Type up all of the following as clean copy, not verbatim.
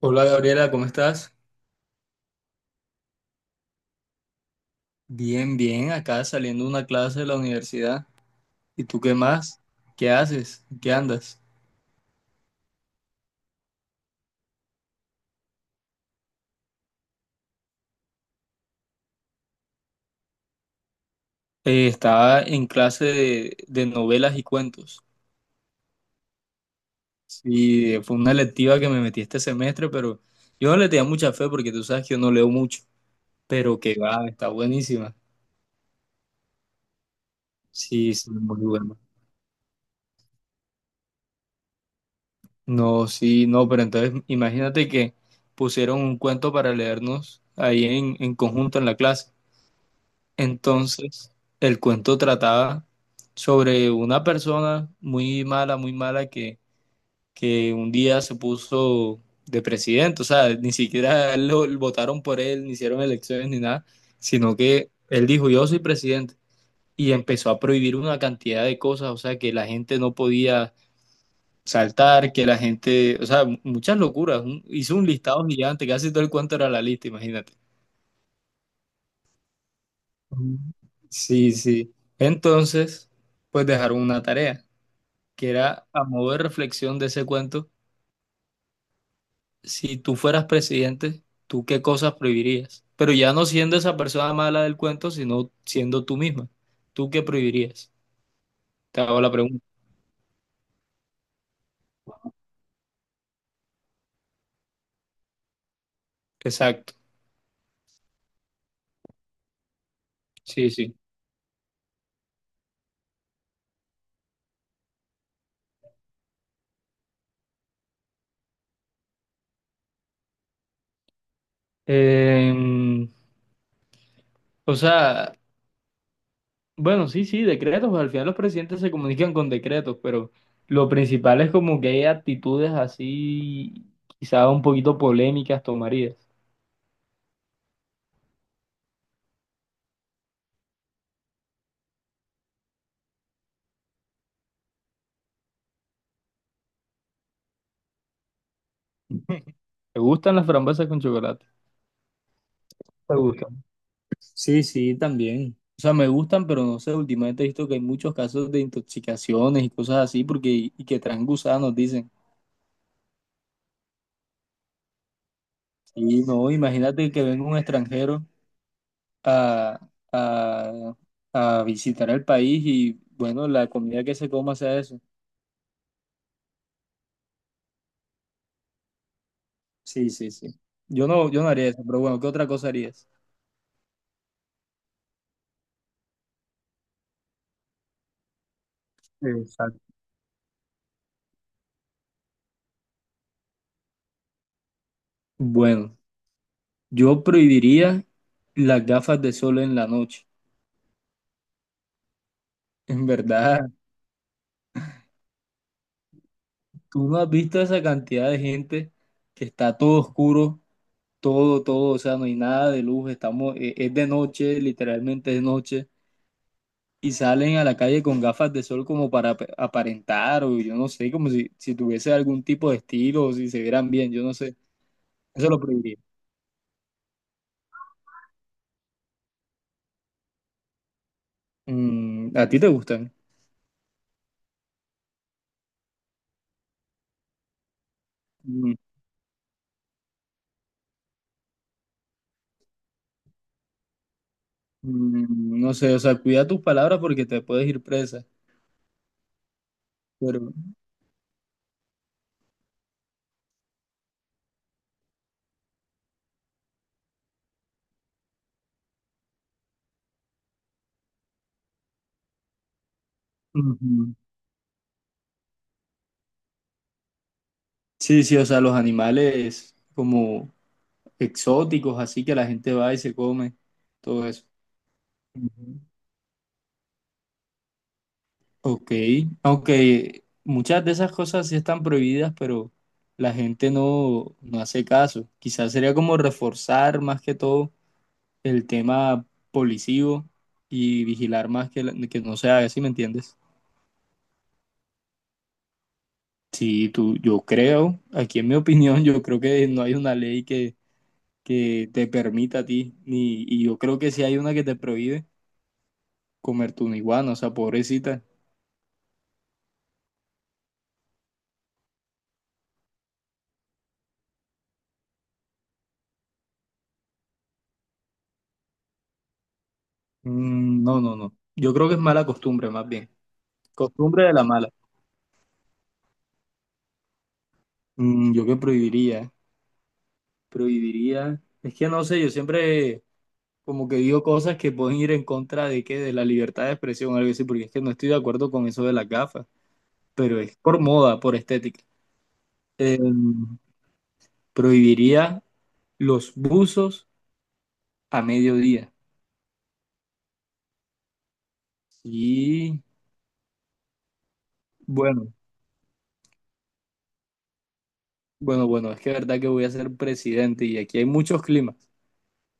Hola Gabriela, ¿cómo estás? Bien, bien, acá saliendo de una clase de la universidad. ¿Y tú qué más? ¿Qué haces? ¿Qué andas? Estaba en clase de novelas y cuentos. Sí, fue una electiva que me metí este semestre, pero yo no le tenía mucha fe porque tú sabes que yo no leo mucho. Pero que va, está buenísima. Sí, sí, muy bueno. No, sí, no, pero entonces imagínate que pusieron un cuento para leernos ahí en conjunto en la clase. Entonces, el cuento trataba sobre una persona muy mala que un día se puso de presidente, o sea, ni siquiera lo, votaron por él, ni hicieron elecciones ni nada, sino que él dijo, yo soy presidente, y empezó a prohibir una cantidad de cosas, o sea, que la gente no podía saltar, que la gente, o sea, muchas locuras, hizo un listado gigante, casi todo el cuento era la lista, imagínate. Mm. Sí, sí. Entonces, pues dejaron una tarea, que era a modo de reflexión de ese cuento, si tú fueras presidente, ¿tú qué cosas prohibirías? Pero ya no siendo esa persona mala del cuento, sino siendo tú misma. ¿Tú qué prohibirías? Te hago la pregunta. Exacto. Sí, sí. Eh, o sea, bueno, sí, sí, decretos, pues al final los presidentes se comunican con decretos, pero lo principal es como que hay actitudes así, quizá un poquito polémicas tomarías. ¿Te gustan las frambuesas con chocolate? ¿Te gustan? Sí, sí, también. O sea, me gustan, pero no sé, últimamente he visto que hay muchos casos de intoxicaciones y cosas así, porque y que traen gusanos, dicen. Y no, imagínate que venga un extranjero a, a, a visitar el país y, bueno, la comida que se coma sea eso. Sí, sí, sí. Yo no, yo no haría eso, pero bueno, ¿qué otra cosa harías? Exacto. Bueno, yo prohibiría las gafas de sol en la noche. En verdad, tú no has visto esa cantidad de gente que está todo oscuro, todo, todo, o sea, no hay nada de luz, estamos, es de noche, literalmente es noche, y salen a la calle con gafas de sol como para aparentar, o yo no sé, como si, si tuviese algún tipo de estilo, o si se vieran bien, yo no sé. Eso lo prohibiría. Mm, ¿a ti te gustan? Mm, no sé, o sea, cuida tus palabras porque te puedes ir presa. Pero, ujú. Sí, sí, o sea, los animales como exóticos, así que la gente va y se come, todo eso. Ujú. Ok, aunque muchas de esas cosas sí están prohibidas, pero la gente no, no hace caso. Quizás sería como reforzar más que todo el tema policivo y vigilar más que, que no se haga, ¿sí me entiendes? Sí, tú, yo creo, aquí en mi opinión, yo creo que no hay una ley que te permita a ti, ni, y yo creo que sí hay una que te prohíbe comer tu iguana, o sea, pobrecita. Mm, no, no, no. Yo creo que es mala costumbre, más bien. Costumbre de la mala. Mm, yo que prohibiría, prohibiría. Es que no sé, yo siempre como que digo cosas que pueden ir en contra de qué, de la libertad de expresión o algo así, porque es que no estoy de acuerdo con eso de las gafas, pero es por moda, por estética. Em, prohibiría los buzos a mediodía. Y bueno, bueno, es que es verdad que voy a ser presidente y aquí hay muchos climas.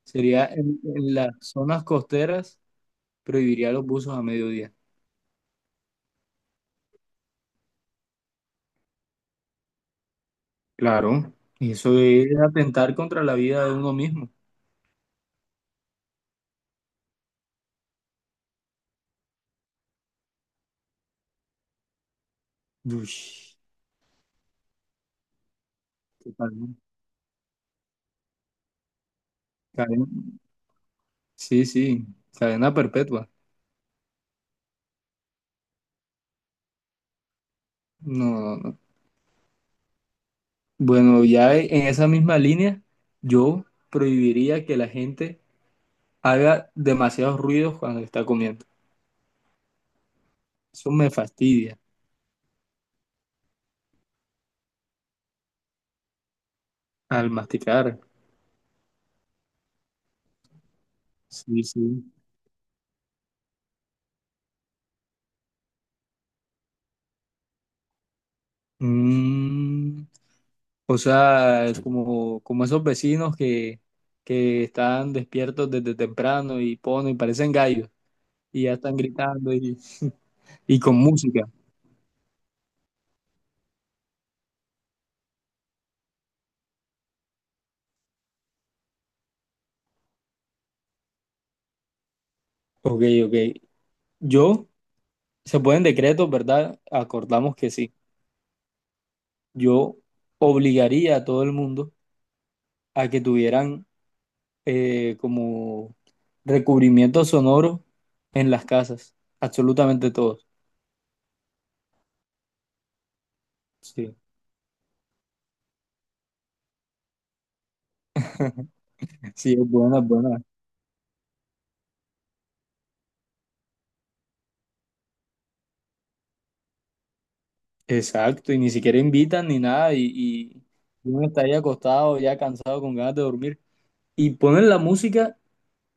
Sería en las zonas costeras, prohibiría los buzos a mediodía. Claro, y eso es atentar contra la vida de uno mismo. Uy, qué cadena. cadena- Sí, sí, cadena perpetua. No, no, no. Bueno, ya en esa misma línea, yo prohibiría que la gente haga demasiados ruidos cuando está comiendo. Eso me fastidia al masticar. Sí, sí. Mm, o sea, es como, como esos vecinos que están despiertos desde temprano y ponen, parecen gallos y ya están gritando y con música. Ok, ok. Yo, se pueden decretos, ¿verdad? Acordamos que sí. Yo obligaría a todo el mundo a que tuvieran como recubrimiento sonoro en las casas, absolutamente todos. Sí, sí, es buena, es buena. Exacto, y ni siquiera invitan ni nada, y uno está ahí acostado, ya cansado, con ganas de dormir, y ponen la música,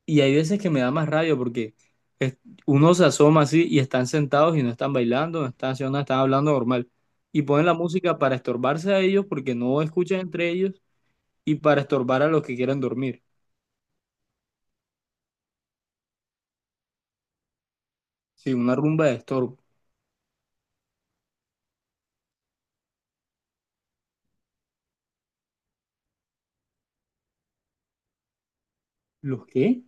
y hay veces que me da más rabia porque es- uno se asoma así y están sentados y no están bailando, no están haciendo nada, están hablando normal, y ponen la música para estorbarse a ellos porque no escuchan entre ellos y para estorbar a los que quieren dormir. Sí, una rumba de estorbo. ¿Los qué?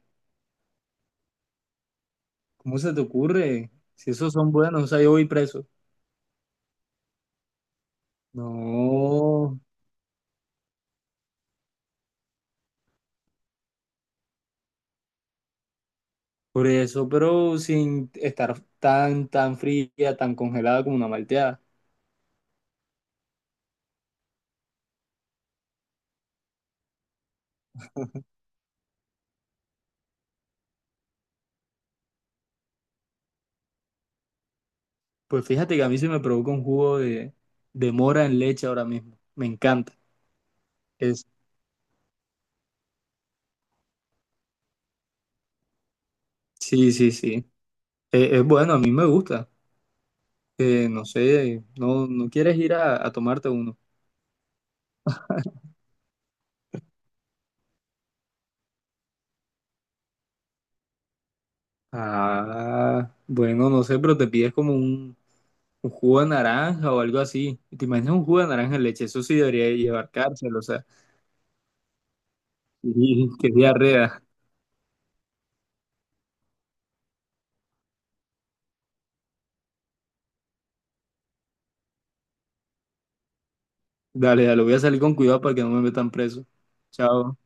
¿Cómo se te ocurre? Si esos son buenos, o sea, yo voy preso. No, por eso, pero sin estar tan, tan fría, tan congelada como una malteada. Pues fíjate que a mí se me provoca un jugo de mora en leche ahora mismo. Me encanta. Es, sí, sí, sí. Es, bueno, a mí me gusta. No sé, no, no quieres ir a tomarte uno. Ah, bueno, no sé, pero te pides como un jugo de naranja o algo así. ¿Te imaginas un jugo de naranja en leche? Eso sí debería llevar cárcel, o sea, y qué diarrea. Dale, dale, voy a salir con cuidado para que no me metan preso. Chao.